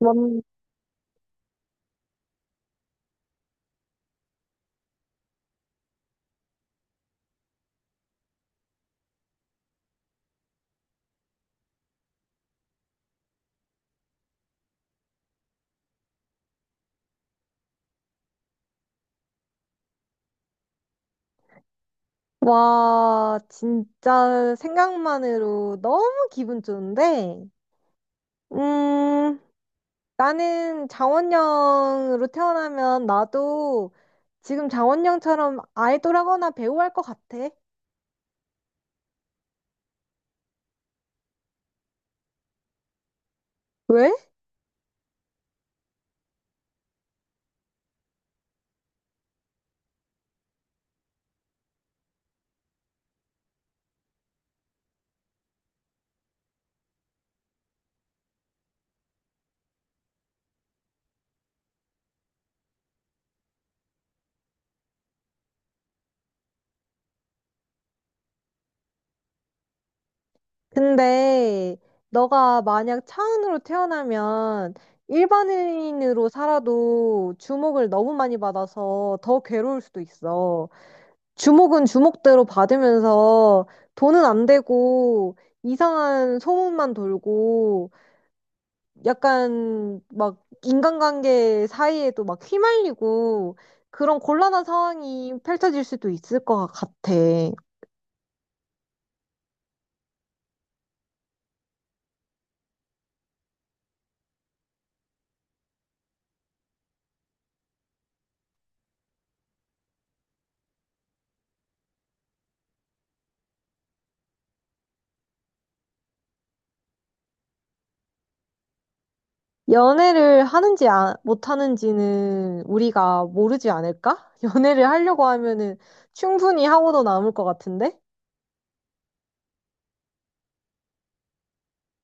원- 와, 진짜 생각만으로 너무 기분 좋은데, 음, 나는 장원영으로 태어나면 나도 지금 장원영처럼 아이돌하거나 배우 할 것 같아. 왜? 근데 너가 만약 차은우로 태어나면 일반인으로 살아도 주목을 너무 많이 받아서 더 괴로울 수도 있어. 주목은 주목대로 받으면서 돈은 안 되고 이상한 소문만 돌고 약간 막 인간관계 사이에도 막 휘말리고 그런 곤란한 상황이 펼쳐질 수도 있을 것 같아. 연애를 하는지 못하는지는 우리가 모르지 않을까? 연애를 하려고 하면은 충분히 하고도 남을 것 같은데?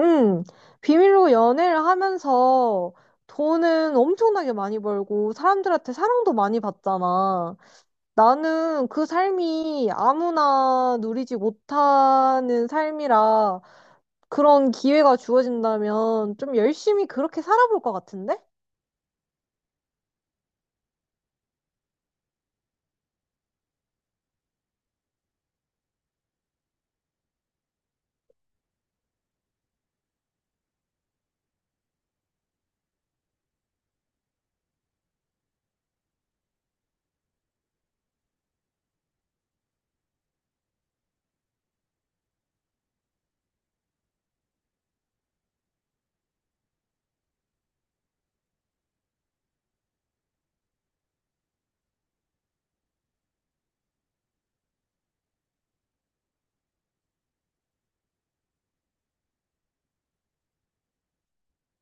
응, 비밀로 연애를 하면서 돈은 엄청나게 많이 벌고 사람들한테 사랑도 많이 받잖아. 나는 그 삶이 아무나 누리지 못하는 삶이라 그런 기회가 주어진다면 좀 열심히 그렇게 살아볼 것 같은데?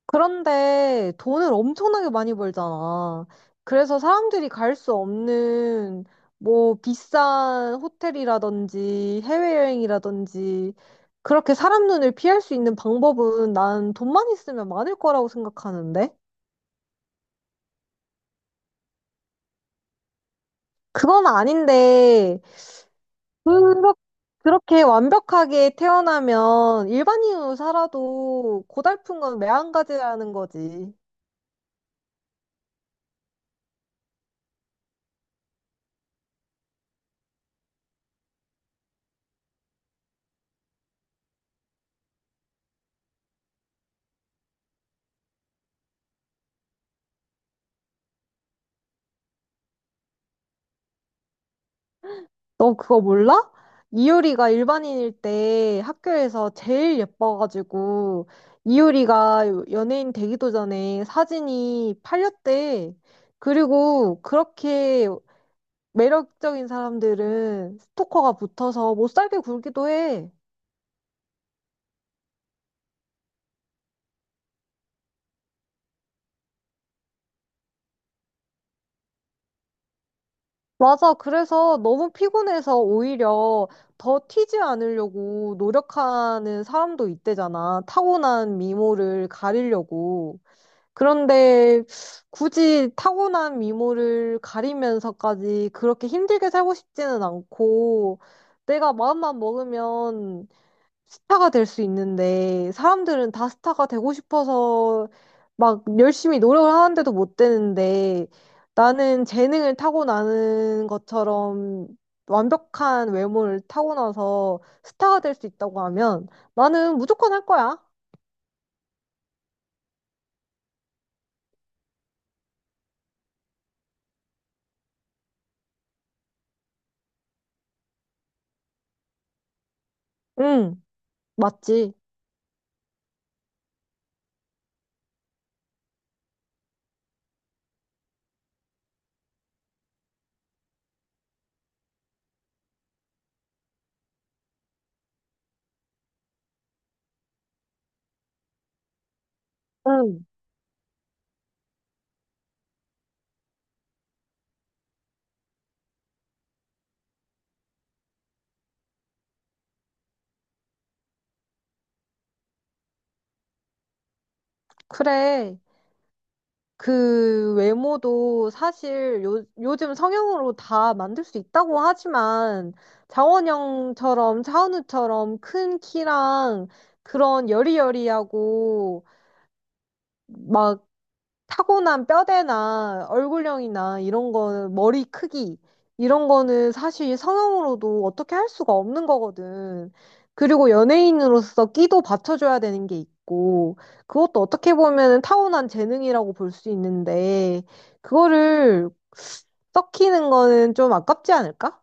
그런데 돈을 엄청나게 많이 벌잖아. 그래서 사람들이 갈 수 없는 뭐 비싼 호텔이라든지 해외여행이라든지 그렇게 사람 눈을 피할 수 있는 방법은 난 돈만 있으면 많을 거라고 생각하는데? 그건 아닌데, 그렇- 그렇게 완벽하게 태어나면 일반인으로 살아도 고달픈 건 매한가지라는 거지. 너 그거 몰라? 이효리가 일반인일 때 학교에서 제일 예뻐가지고 이효리가 연예인 되기도 전에 사진이 팔렸대. 그리고 그렇게 매력적인 사람들은 스토커가 붙어서 못 살게 굴기도 해. 맞아. 그래서 너무 피곤해서 오히려 더 튀지 않으려고 노력하는 사람도 있대잖아. 타고난 미모를 가리려고. 그런데 굳이 타고난 미모를 가리면서까지 그렇게 힘들게 살고 싶지는 않고 내가 마음만 먹으면 스타가 될 수 있는데 사람들은 다 스타가 되고 싶어서 막 열심히 노력을 하는데도 못 되는데 나는 재능을 타고나는 것처럼 완벽한 외모를 타고나서 스타가 될 수 있다고 하면 나는 무조건 할 거야. 응, 맞지. 응, 그래. 그 외모도 사실 요즘 성형으로 다 만들 수 있다고 하지만 장원영처럼 차은우처럼 큰 키랑 그런 여리여리하고 막 타고난 뼈대나 얼굴형이나 이런 거는 머리 크기 이런 거는 사실 성형으로도 어떻게 할 수가 없는 거거든. 그리고 연예인으로서 끼도 받쳐줘야 되는 게 있고 그것도 어떻게 보면 타고난 재능이라고 볼 수 있는데 그거를 썩히는 거는 좀 아깝지 않을까?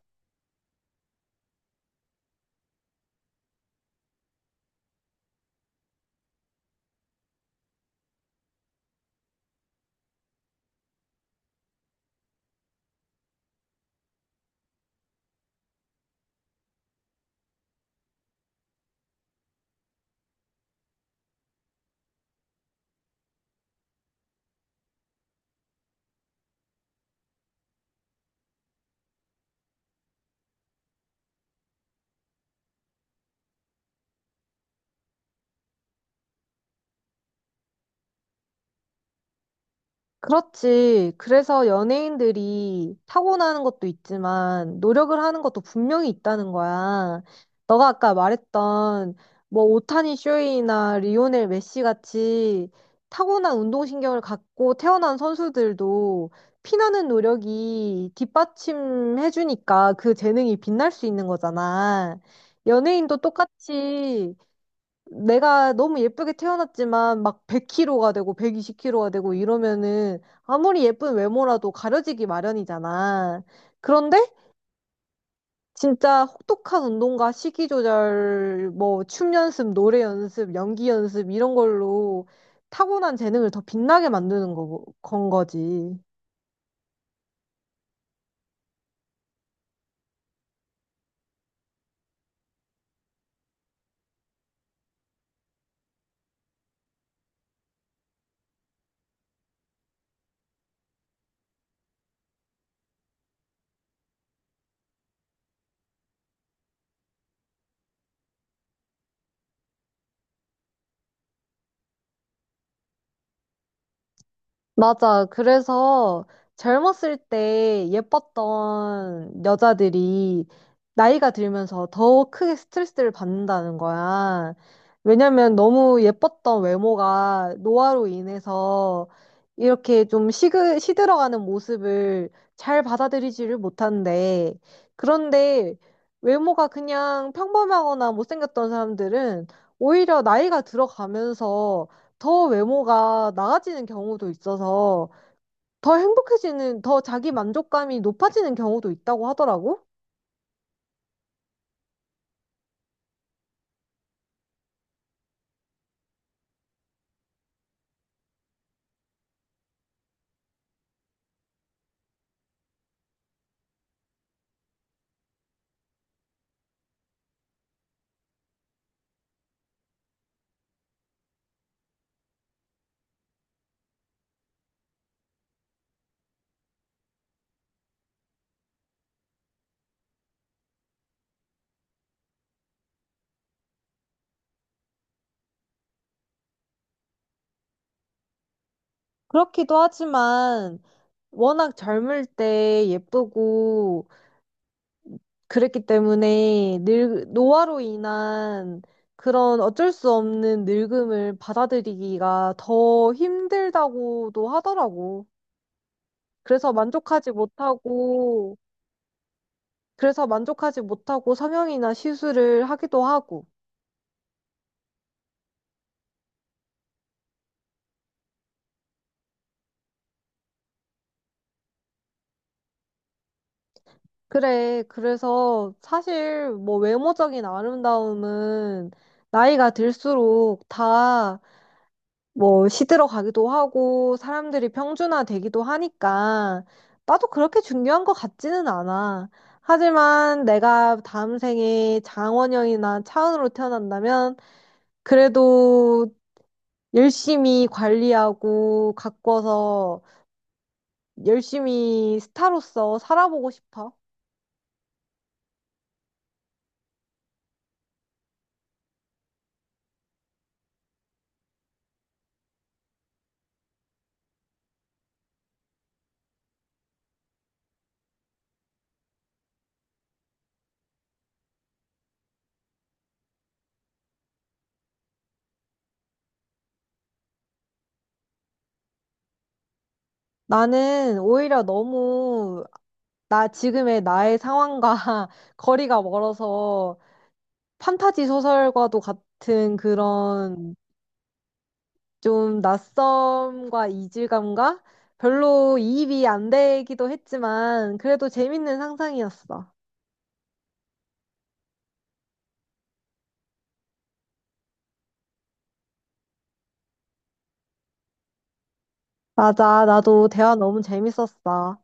그렇지. 그래서 연예인들이 타고나는 것도 있지만 노력을 하는 것도 분명히 있다는 거야. 너가 아까 말했던 뭐 오타니 쇼헤이나 리오넬 메시 같이 타고난 운동신경을 갖고 태어난 선수들도 피나는 노력이 뒷받침해주니까 그 재능이 빛날 수 있는 거잖아. 연예인도 똑같이 내가 너무 예쁘게 태어났지만 막 100kg가 되고 120kg가 되고 이러면은 아무리 예쁜 외모라도 가려지기 마련이잖아. 그런데 진짜 혹독한 운동과 식이 조절, 뭐 춤 연습, 노래 연습, 연기 연습 이런 걸로 타고난 재능을 더 빛나게 만드는 건 거지. 맞아. 그래서 젊었을 때 예뻤던 여자들이 나이가 들면서 더 크게 스트레스를 받는다는 거야. 왜냐면 너무 예뻤던 외모가 노화로 인해서 이렇게 좀 시들어가는 모습을 잘 받아들이지를 못한대. 그런데 외모가 그냥 평범하거나 못생겼던 사람들은 오히려 나이가 들어가면서 더 외모가 나아지는 경우도 있어서 더 행복해지는, 더 자기 만족감이 높아지는 경우도 있다고 하더라고. 그렇기도 하지만 워낙 젊을 때 예쁘고 그랬기 때문에 노화로 인한 그런 어쩔 수 없는 늙음을 받아들이기가 더 힘들다고도 하더라고. 그래서 만족하지 못하고, 그래서 만족하지 못하고 성형이나 시술을 하기도 하고. 그래. 그래서 사실 뭐 외모적인 아름다움은 나이가 들수록 다 뭐 시들어 가기도 하고 사람들이 평준화 되기도 하니까 나도 그렇게 중요한 것 같지는 않아. 하지만 내가 다음 생에 장원영이나 차은우로 태어난다면 그래도 열심히 관리하고 가꿔서 열심히 스타로서 살아보고 싶어. 나는 오히려 너무 나 지금의 나의 상황과 거리가 멀어서 판타지 소설과도 같은 그런 좀 낯섦과 이질감과 별로 이입이 안 되기도 했지만 그래도 재밌는 상상이었어. 맞아, 나도 대화 너무 재밌었어.